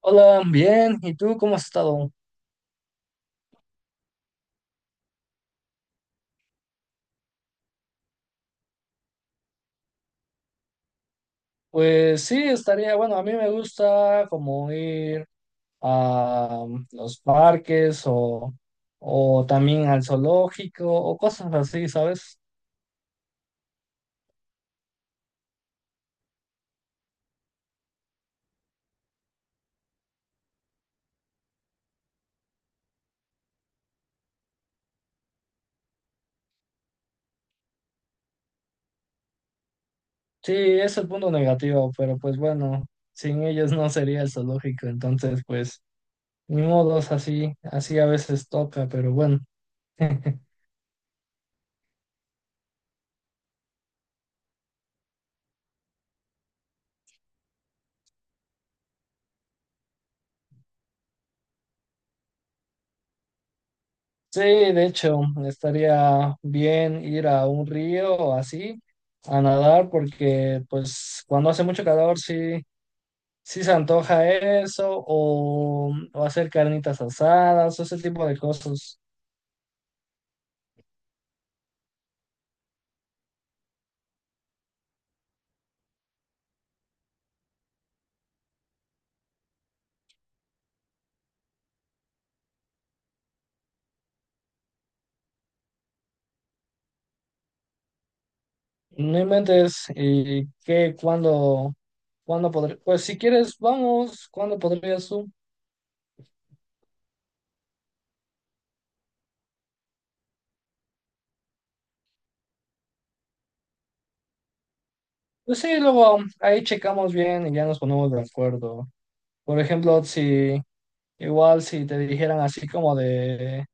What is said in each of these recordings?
Hola, bien. ¿Y tú cómo has estado? Pues sí, estaría, bueno, a mí me gusta como ir a los parques o también al zoológico o cosas así, ¿sabes? Sí, es el punto negativo, pero pues bueno, sin ellos no sería el zoológico, entonces pues ni modos, así, así a veces toca, pero bueno. Sí, de hecho, estaría bien ir a un río o así a nadar porque pues cuando hace mucho calor sí se antoja eso o hacer carnitas asadas o ese tipo de cosas. No inventes y cuándo podré, pues si quieres, vamos, ¿cuándo podrías tú? Pues sí, luego ahí checamos bien y ya nos ponemos de acuerdo. Por ejemplo, si igual si te dijeran así como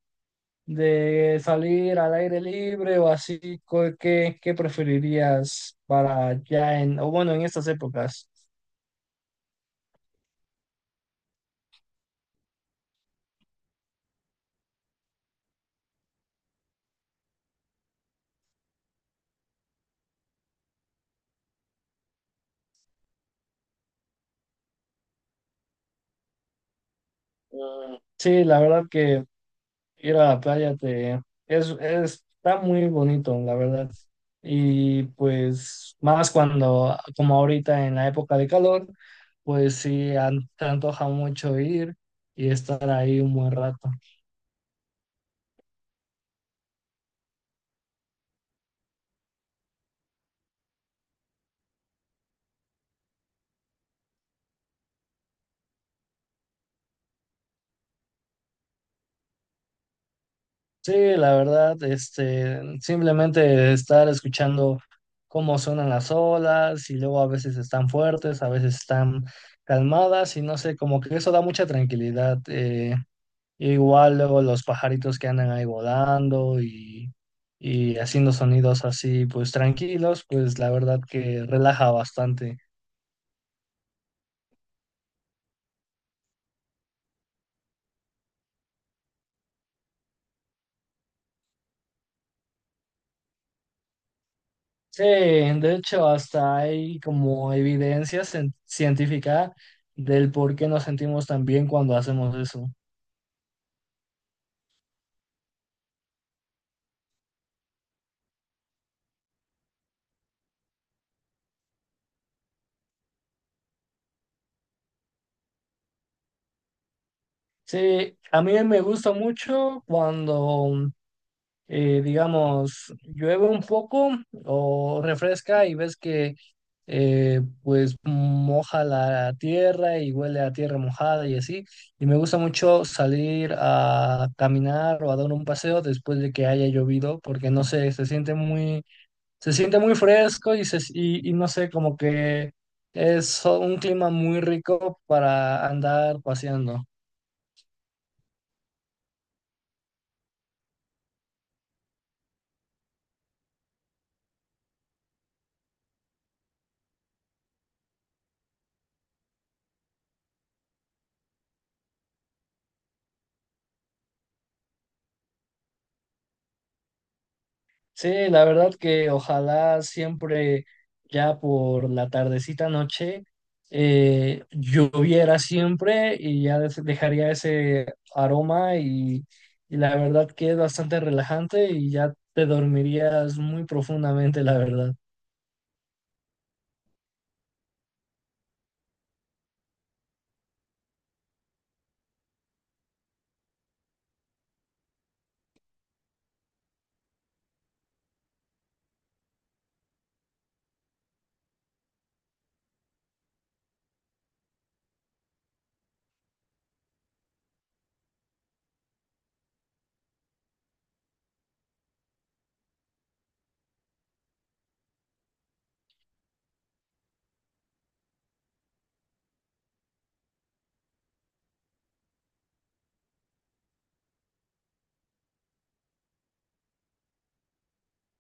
de salir al aire libre o así, ¿qué preferirías para ya en, o bueno, en estas épocas? Sí, la verdad que ir a la playa te está muy bonito, la verdad. Y pues más cuando, como ahorita en la época de calor, pues sí, te antoja mucho ir y estar ahí un buen rato. Sí, la verdad, este, simplemente estar escuchando cómo suenan las olas y luego a veces están fuertes, a veces están calmadas y no sé, como que eso da mucha tranquilidad. Igual luego los pajaritos que andan ahí volando y haciendo sonidos así, pues tranquilos, pues la verdad que relaja bastante. Sí, de hecho hasta hay como evidencia científica del por qué nos sentimos tan bien cuando hacemos eso. Sí, a mí me gusta mucho cuando, digamos, llueve un poco o refresca y ves que, pues, moja la tierra y huele a tierra mojada y así. Y me gusta mucho salir a caminar o a dar un paseo después de que haya llovido, porque no sé, se siente muy fresco y no sé, como que es un clima muy rico para andar paseando. Sí, la verdad que ojalá siempre ya por la tardecita noche lloviera siempre y ya dejaría ese aroma y la verdad que es bastante relajante y ya te dormirías muy profundamente, la verdad.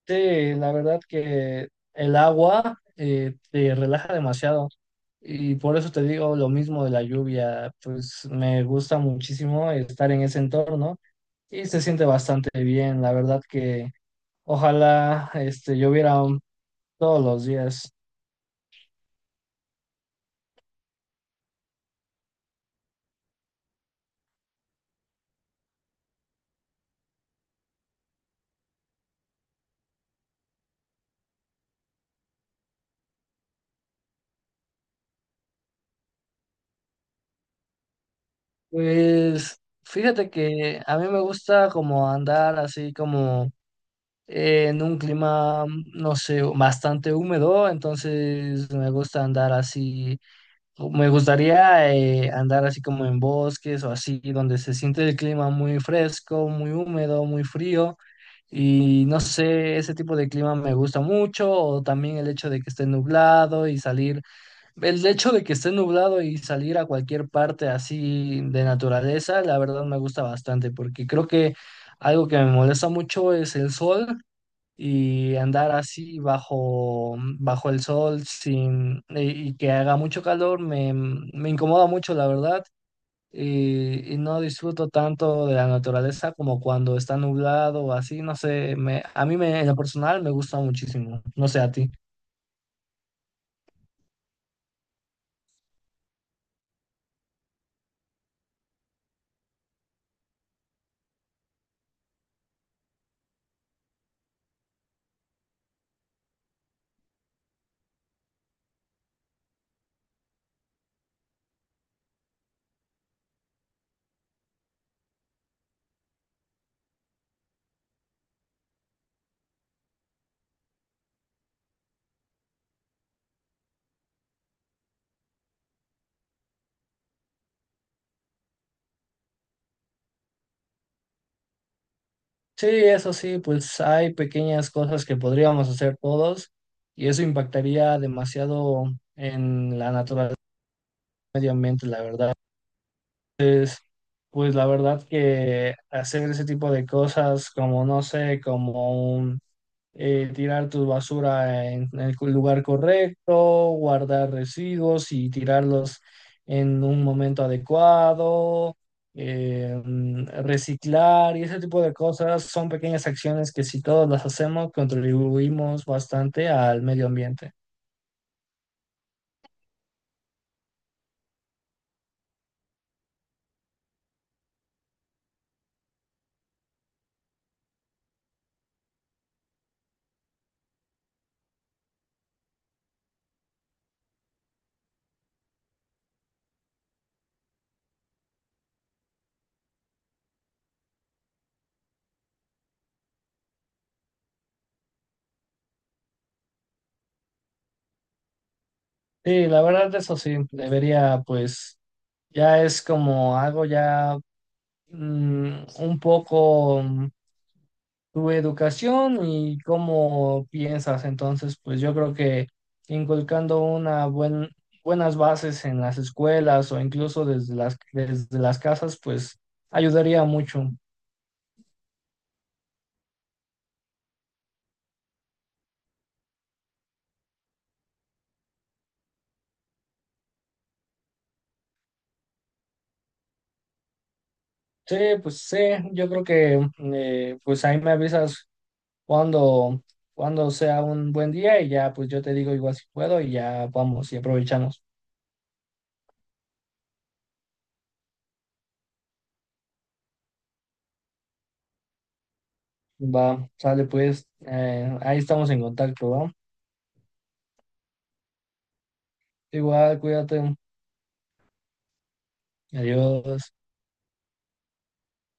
Sí, la verdad que el agua te relaja demasiado y por eso te digo lo mismo de la lluvia, pues me gusta muchísimo estar en ese entorno. Y se siente bastante bien, la verdad que ojalá este, lloviera todos los días. Pues fíjate que a mí me gusta como andar así como en un clima, no sé, bastante húmedo, entonces me gusta andar así. Me gustaría andar así como en bosques o así, donde se siente el clima muy fresco, muy húmedo, muy frío. Y no sé, ese tipo de clima me gusta mucho, o también el hecho de que esté nublado y salir, el hecho de que esté nublado y salir a cualquier parte así de naturaleza, la verdad me gusta bastante, porque creo que algo que me molesta mucho es el sol y andar así bajo, bajo el sol sin que haga mucho calor me, me incomoda mucho, la verdad, y no disfruto tanto de la naturaleza como cuando está nublado o así, no sé, me, a mí me, en lo personal me gusta muchísimo, no sé a ti. Sí, eso sí, pues hay pequeñas cosas que podríamos hacer todos y eso impactaría demasiado en la naturaleza, y el medio ambiente, la verdad. Pues la verdad que hacer ese tipo de cosas como, no sé, tirar tu basura en, el lugar correcto, guardar residuos y tirarlos en un momento adecuado, reciclar y ese tipo de cosas son pequeñas acciones que si todos las hacemos contribuimos bastante al medio ambiente. Sí, la verdad eso sí, debería pues... Ya es como algo ya mm, un poco tu educación y cómo piensas. Entonces, pues yo creo que inculcando una buenas bases en las escuelas o incluso desde las casas, pues ayudaría mucho. Sí, pues sí, yo creo que pues ahí me avisas cuando, cuando sea un buen día y ya pues yo te digo igual si puedo y ya vamos y aprovechamos. Va, sale pues, ahí estamos en contacto, ¿va? Igual, cuídate. Adiós.